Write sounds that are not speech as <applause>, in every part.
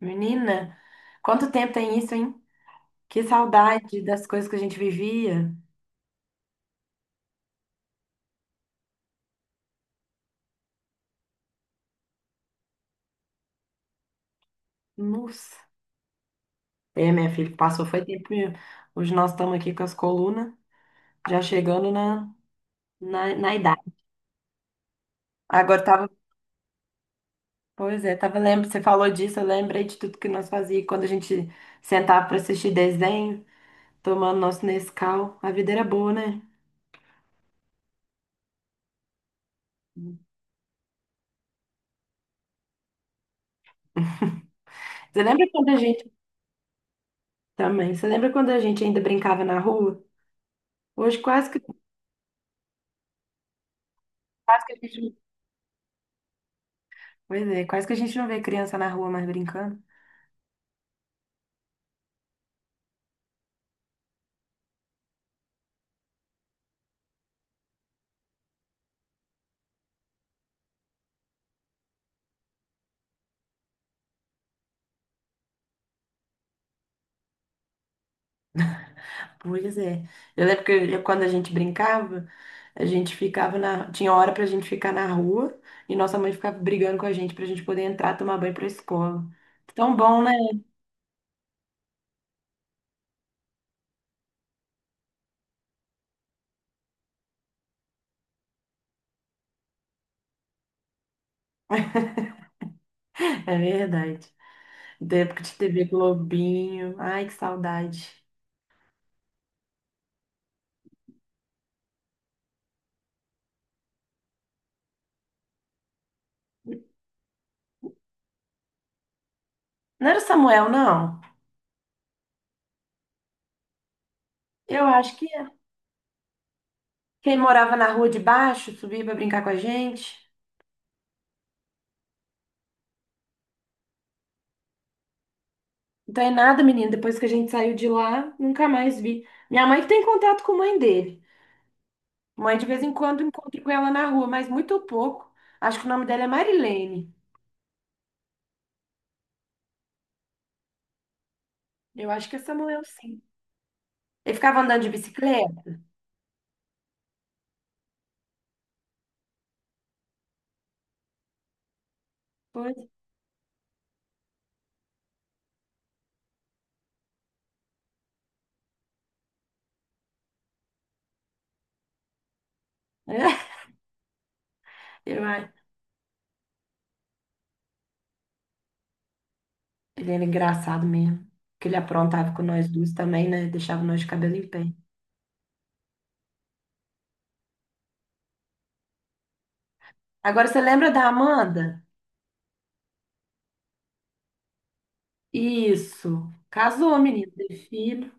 Menina, quanto tempo tem isso, hein? Que saudade das coisas que a gente vivia. Nossa. É, minha filha, passou, foi tempo mesmo. Hoje nós estamos aqui com as colunas, já chegando na idade. Agora tava, pois é, tava lembrando, você falou disso, eu lembrei de tudo que nós fazíamos quando a gente sentava para assistir desenho, tomando nosso Nescau. A vida era boa, né? Você lembra quando a gente também? Você lembra quando a gente ainda brincava na rua? Hoje quase que a gente Pois é, quase que a gente não vê criança na rua mais brincando. Pois é. Eu lembro que quando a gente brincava, a gente ficava na. Tinha hora pra gente ficar na rua e nossa mãe ficava brigando com a gente pra gente poder entrar, tomar banho pra escola. Tão bom, né? É verdade. Da época de TV Globinho. Ai, que saudade. Não era o Samuel, não. Eu acho que é. Quem morava na rua de baixo subia pra brincar com a gente. Então é nada, menino. Depois que a gente saiu de lá, nunca mais vi. Minha mãe que tem contato com a mãe dele. Mãe, de vez em quando encontro com ela na rua, mas muito pouco. Acho que o nome dela é Marilene. Eu acho que é Samuel, sim. Ele ficava andando de bicicleta? Pois. <laughs> Eu, ai, ele era engraçado mesmo. Que ele aprontava com nós duas também, né? Deixava nós de cabelo em pé. Agora, você lembra da Amanda? Isso. Casou, menino. Teve filho.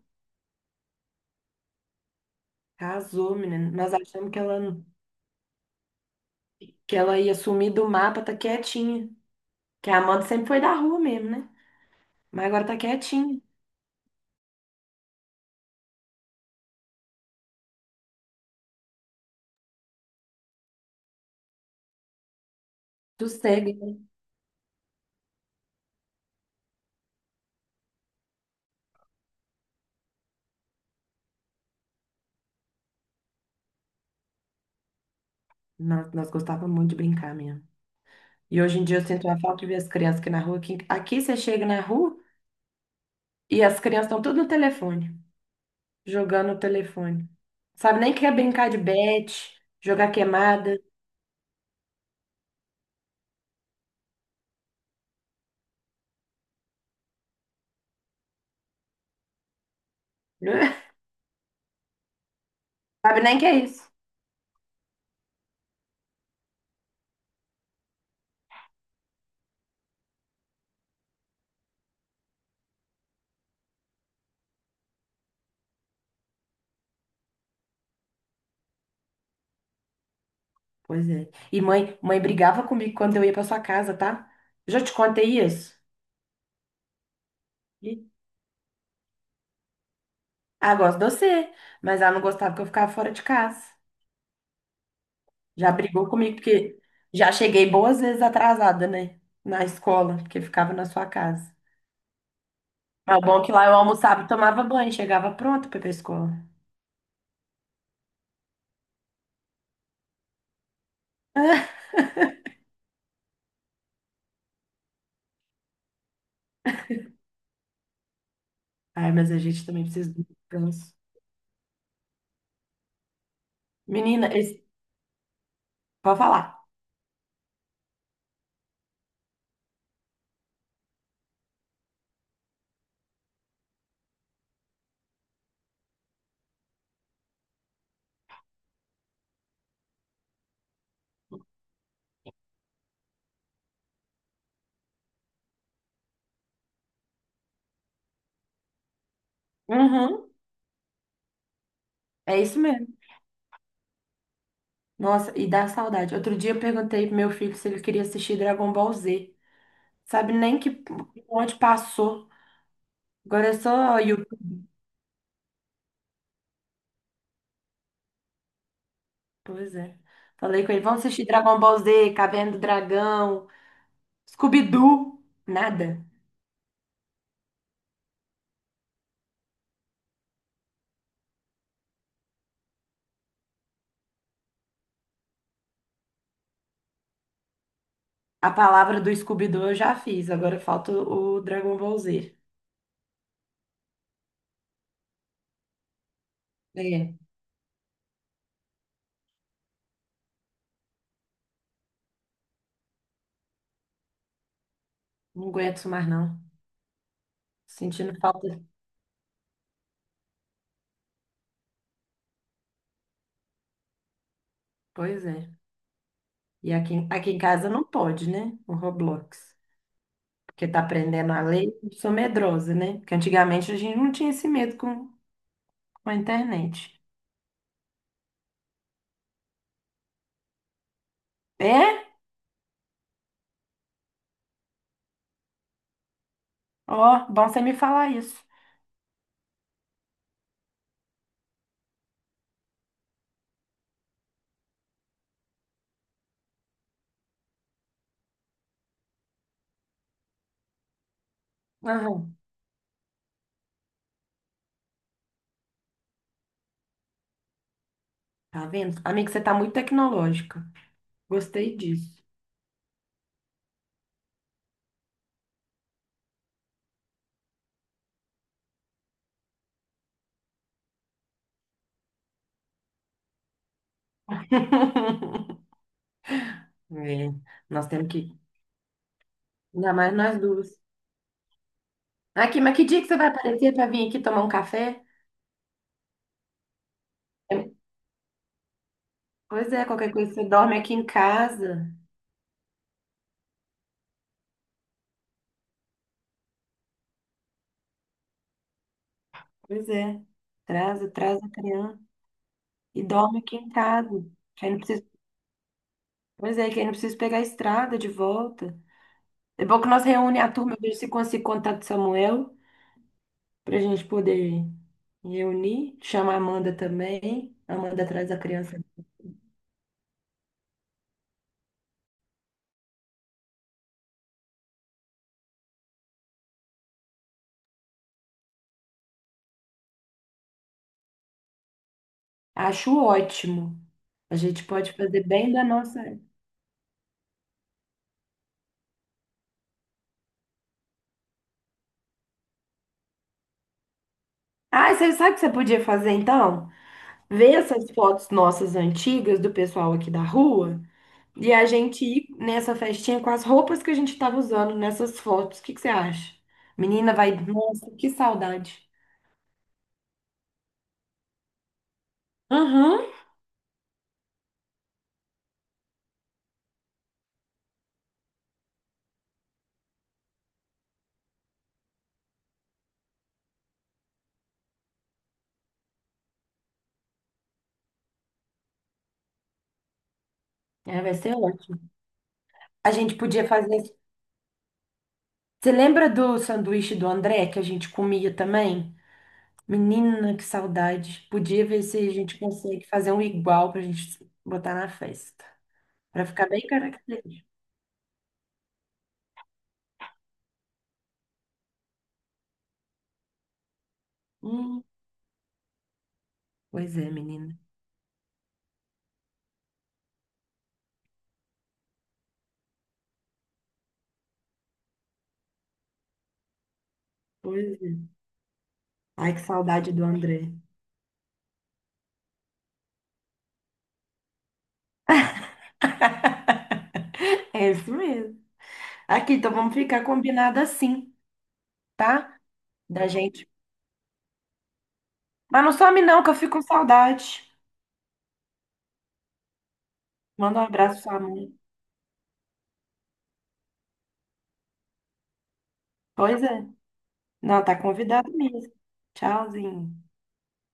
Casou, menino. Nós achamos que ela ia sumir do mapa, tá quietinha. Que a Amanda sempre foi da rua mesmo, né? Mas agora tá quietinha. Sossega. Nós gostávamos muito de brincar mesmo. E hoje em dia eu sinto uma falta de ver as crianças aqui na rua. Aqui, aqui você chega na rua e as crianças estão tudo no telefone, jogando no telefone. Sabe nem que é brincar de bete, jogar queimada. <laughs> Sabe nem que é isso. Pois é. E mãe brigava comigo quando eu ia pra sua casa, tá? Já te contei isso? E- Ah, gosto de você, mas ela não gostava que eu ficava fora de casa. Já brigou comigo, porque já cheguei boas vezes atrasada, né? Na escola, porque ficava na sua casa. É o bom que lá eu almoçava e tomava banho, chegava pronto para ir pra escola. Ai, mas a gente também precisa do descanso. Menina, esse... pode falar. Uhum, é isso mesmo. Nossa, e dá saudade. Outro dia eu perguntei pro meu filho se ele queria assistir Dragon Ball Z. Sabe nem que onde passou. Agora é só YouTube. Pois é. Falei com ele, vamos assistir Dragon Ball Z, Caverna do Dragão, Scooby-Doo. Nada. A palavra do Scooby-Doo eu já fiz, agora falta o Dragon Ball Z. É, não aguento isso mais não. Sentindo falta. Pois é. E aqui, aqui em casa não pode, né? O Roblox. Porque tá aprendendo a lei. Eu sou medrosa, né? Porque antigamente a gente não tinha esse medo com a internet. É? Ó, bom você me falar isso. Aham. Tá vendo? Amiga, você tá muito tecnológica. Gostei disso. <laughs> É, nós temos que. Ainda mais nós duas. Aqui, mas que dia que você vai aparecer pra vir aqui tomar um café? É, pois é, qualquer coisa você dorme aqui em casa. Pois é. Traz, traz a criança e dorme aqui em casa. Que aí não precisa, pois é, que aí não precisa pegar a estrada de volta. É bom que nós reúne a turma, eu vejo se consigo contar do Samuel, pra gente poder reunir. Chama a Amanda também. A Amanda traz a criança. Acho ótimo. A gente pode fazer bem da nossa. Ah, você sabe o que você podia fazer então? Ver essas fotos nossas antigas do pessoal aqui da rua e a gente ir nessa festinha com as roupas que a gente tava usando nessas fotos. O que que você acha? Menina, vai. Nossa, que saudade. Uhum. É, vai ser ótimo. A gente podia fazer. Você lembra do sanduíche do André que a gente comia também? Menina, que saudade. Podia ver se a gente consegue fazer um igual pra gente botar na festa. Pra ficar bem característico. Hum, pois é, menina. Pois é. Ai, que saudade do André. <laughs> É isso mesmo. Aqui, então vamos ficar combinado assim, tá? Da gente. Mas não some não, que eu fico com saudade. Manda um abraço pra sua mãe. Pois é. Não, tá convidado mesmo. Tchauzinho.